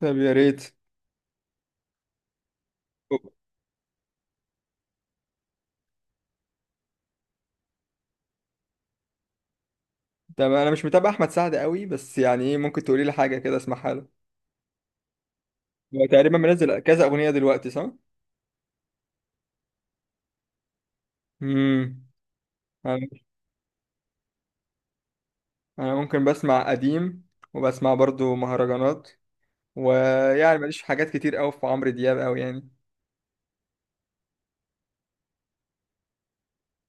طب يا ريت. طب انا مش متابع احمد سعد قوي، بس يعني ايه؟ ممكن تقولي لي حاجه كده اسمعها له؟ هو تقريبا منزل كذا اغنيه دلوقتي، صح؟ امم. انا أنا ممكن بسمع قديم. وبسمع برضو مهرجانات. ويعني ماليش في حاجات كتير قوي في عمرو دياب قوي يعني.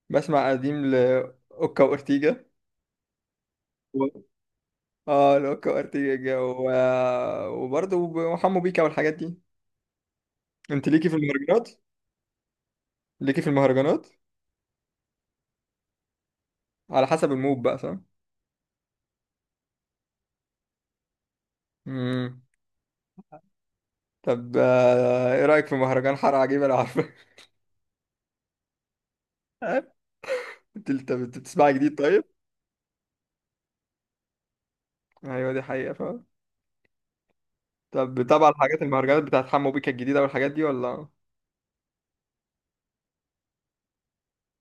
بسمع قديم لاوكا وارتيجا و... اه لاوكا وارتيجا و... وبرضو وحمو بيكا والحاجات دي. انت ليكي في المهرجانات؟ ليكي في المهرجانات؟ على حسب المود بقى، صح؟ امم. طب، ايه رأيك في مهرجان حارة عجيبة لو عارفه؟ انت بتسمعي جديد طيب؟ ايوه، دي حقيقة فعلا. طب بتابع الحاجات المهرجانات بتاعت حمو بيكا الجديدة والحاجات دي، ولا؟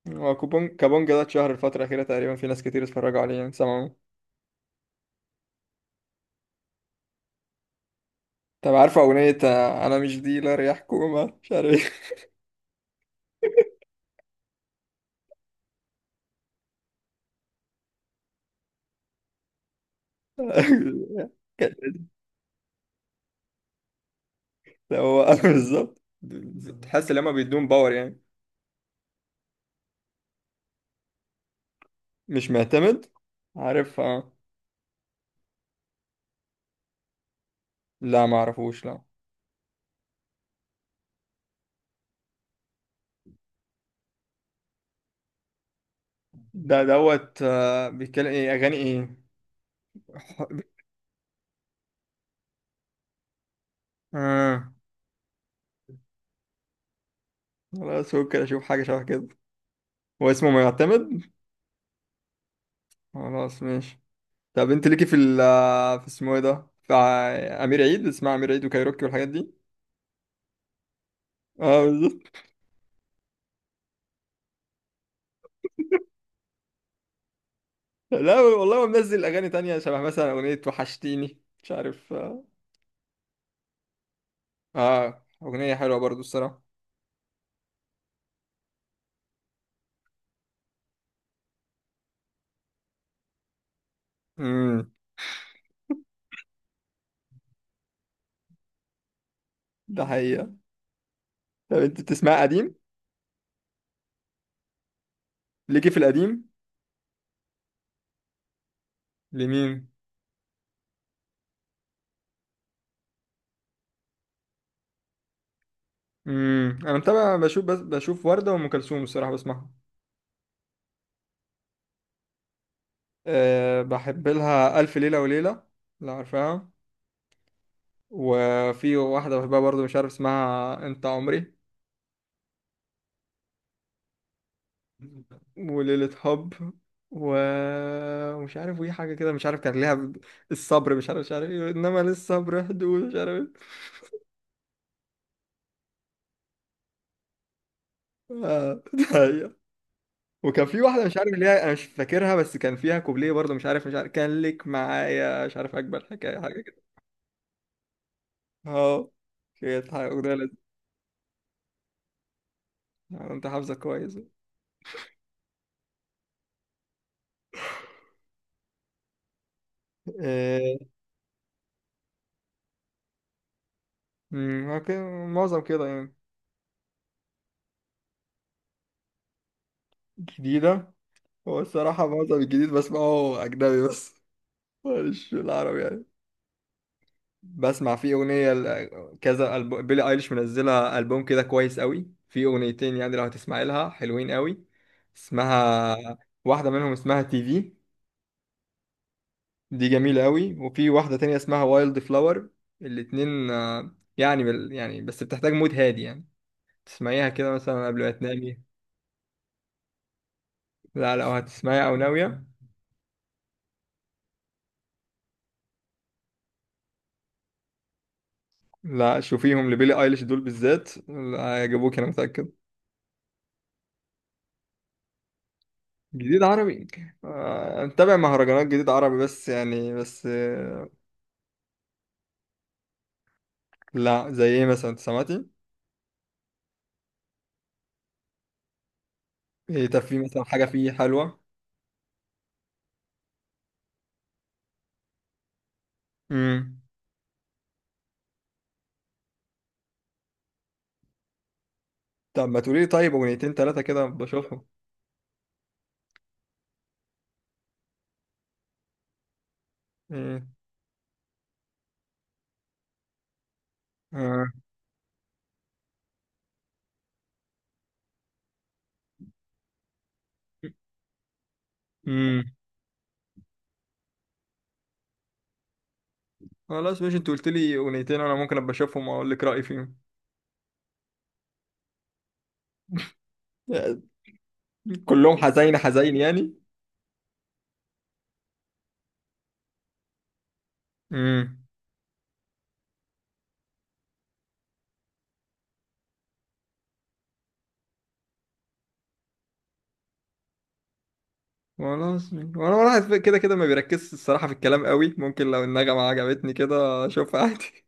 هو كوبون كابونجا ده اتشهر الفترة الأخيرة تقريبا، في ناس كتير اتفرجوا عليه، يعني سمعوا؟ طب عارفة أغنية، أنا مش ديلر يا حكومة مش عارف ايه؟ كانت- هو بالظبط. بتحس إن هما بيدوم باور يعني. مش معتمد. عارف، اه. لا، ما اعرفوش، لا. ده دوت، بيتكلم ايه؟ أغاني ايه؟ اه، خلاص. ممكن اشوف حاجه شبه كده. هو اسمه معتمد؟ خلاص ماشي. طب انت ليكي في ال آه، في اسمه ايه ده امير عيد، اسمها امير عيد وكايروكي والحاجات دي؟ اه، بالظبط. لا والله، هو منزل اغاني تانية شبه مثلا اغنيه وحشتيني، مش عارف، اه. اغنيه حلوه برضو الصراحه. امم. ده حقيقه. طب انت بتسمع قديم؟ ليكي في القديم؟ لمين؟ انا متابع، بشوف، بس بشوف ورده وام كلثوم الصراحه بسمعها. أه، بحب لها الف ليله وليله، لو عارفاها. وفي واحدة بحبها برضو مش عارف اسمها، انت عمري. وليلة حب. ومش عارف وايه حاجة كده، مش عارف كان ليها الصبر، مش عارف ايه، انما للصبر حدود، مش عارف ايه. آه، ده. هي. وكان في واحدة مش عارف ليها، انا مش فاكرها، بس كان فيها كوبليه برضو، مش عارف كان لك معايا، مش عارف، اكبر حكاية، حاجة كده. اه، كانت حاجة أغنية لذيذة. آه، انت حافظة كويس. إيه. أمم، اوكي. معظم كده يعني. جديدة؟ هو الصراحة معظم الجديد بسمعه أجنبي بس. مش العربي يعني. بسمع في أغنية كذا بيلي أيليش منزلة ألبوم كده كويس قوي، في أغنيتين يعني، لو هتسمعي لها حلوين قوي. اسمها، واحدة منهم اسمها تي في. دي جميلة قوي، وفي واحدة تانية اسمها وايلد فلاور. الاتنين، يعني يعني بس بتحتاج مود هادي يعني. تسمعيها كده مثلا قبل ما تنامي. لا، لو هتسمعيها أو ناوية. لا، شوفيهم لبيلي أيليش دول بالذات، لا، هيعجبوك أنا متأكد. جديد عربي؟ آه، متابع مهرجانات جديد عربي، بس يعني، بس لا، زي ايه مثلا؟ انت سمعتي؟ ايه؟ طب في مثلا حاجة فيه حلوة؟ امم. طب ما تقولي لي طيب اغنيتين تلاتة كده بشوفهم؟ ايه؟ آه. امم. خلاص ماشي، انت قلت لي اغنيتين، انا ممكن ابقى اشوفهم واقول لك رأيي فيهم. آه، كلهم حزين حزين يعني؟ امم. خلاص ماشي. وانا واحد كده كده ما بيركزش الصراحة في الكلام قوي، ممكن لو النغمة عجبتني كده اشوفها عادي.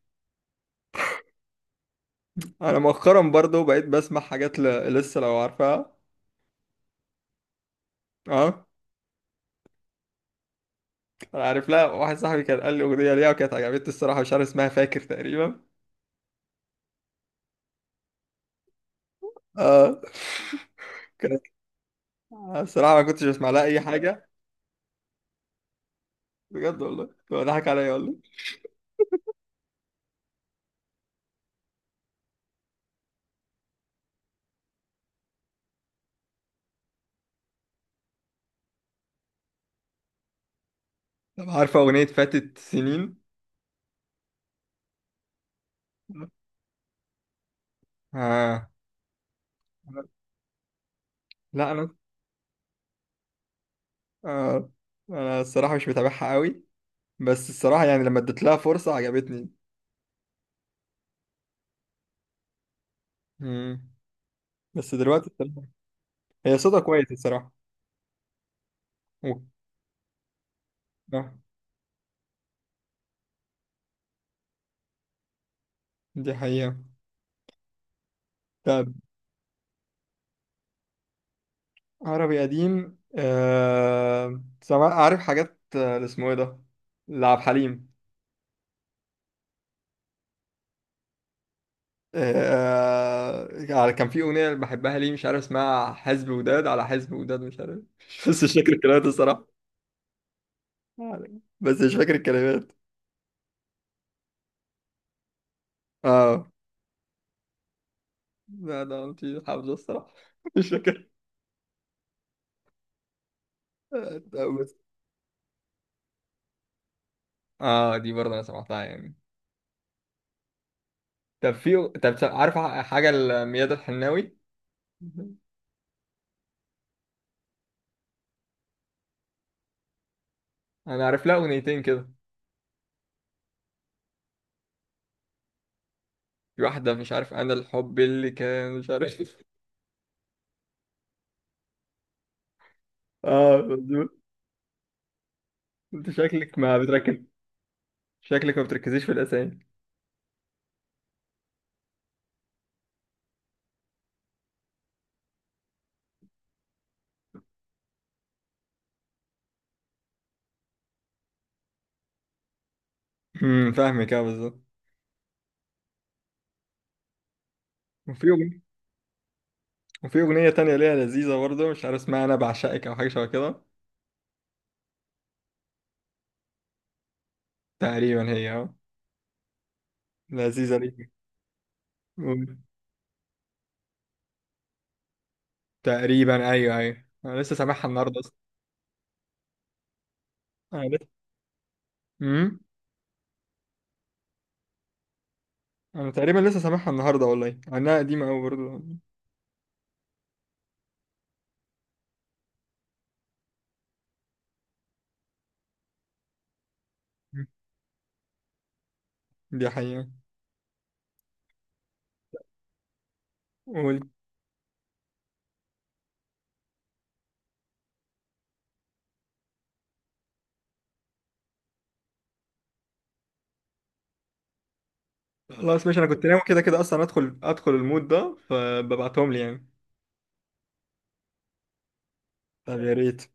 انا مؤخرا برضو بقيت بسمع حاجات لسه، لو عارفها؟ اه. انا عارف لها، واحد صاحبي كان قال لي اغنيه ليها وكانت عجبتني الصراحه، مش عارف اسمها، فاكر تقريبا. اه. كانت. الصراحه ما كنتش بسمع لها اي حاجه. بجد والله، هو ضحك عليا والله. طب عارفه اغنيه فاتت سنين؟ اه. لا، انا. آه. انا الصراحه مش متابعها قوي. بس الصراحه يعني لما اديت لها فرصه عجبتني. مم. بس دلوقتي الصراحة-. هي صوتها كويس الصراحه. و-. آه. دي حقيقه. طب. عربي قديم. عارف حاجات، اللي اسمه ايه ده. لعب حليم. كان في اغنيه بحبها ليه، مش عارف اسمها، حزب وداد، على حزب وداد، مش عارف. بس مش فاكر الكلمات الصراحه. بس مش فاكر الكلمات. اه. لا، ده انت. حافظه الصراحه. مش فاكر. طب بس-. آه، دي برضه انا سمعتها يعني. طب عارف. حاجه لميادة الحناوي. انا عارف لها اغنيتين كده. في واحدة مش عارف، أنا الحب اللي كان، مش عارف اه، مظبوط. أنت شكلك ما بتركز. شكلك ما بتركزيش في الأسامي. فاهمك، أه، بالظبط. وفي أغنية. وفي أغنية تانية ليها لذيذة برضه، مش عارف اسمها، أنا بعشقك أو حاجة شبه كده. تقريبا هي، أه. لذيذة دي. مم. تقريبا، أيوه، أيوه، أنا لسه سامعها النهاردة أصلا. أنا لسه. امم. أنا تقريبا لسه سامعها النهاردة، والله إنها قديمة أوي برضه. مم. دي حقيقة. قول. خلاص ماشي، أنا كنت ناوي كده كده أصلا أدخل المود ده، فببعتهم لي يعني. طب يا ريت.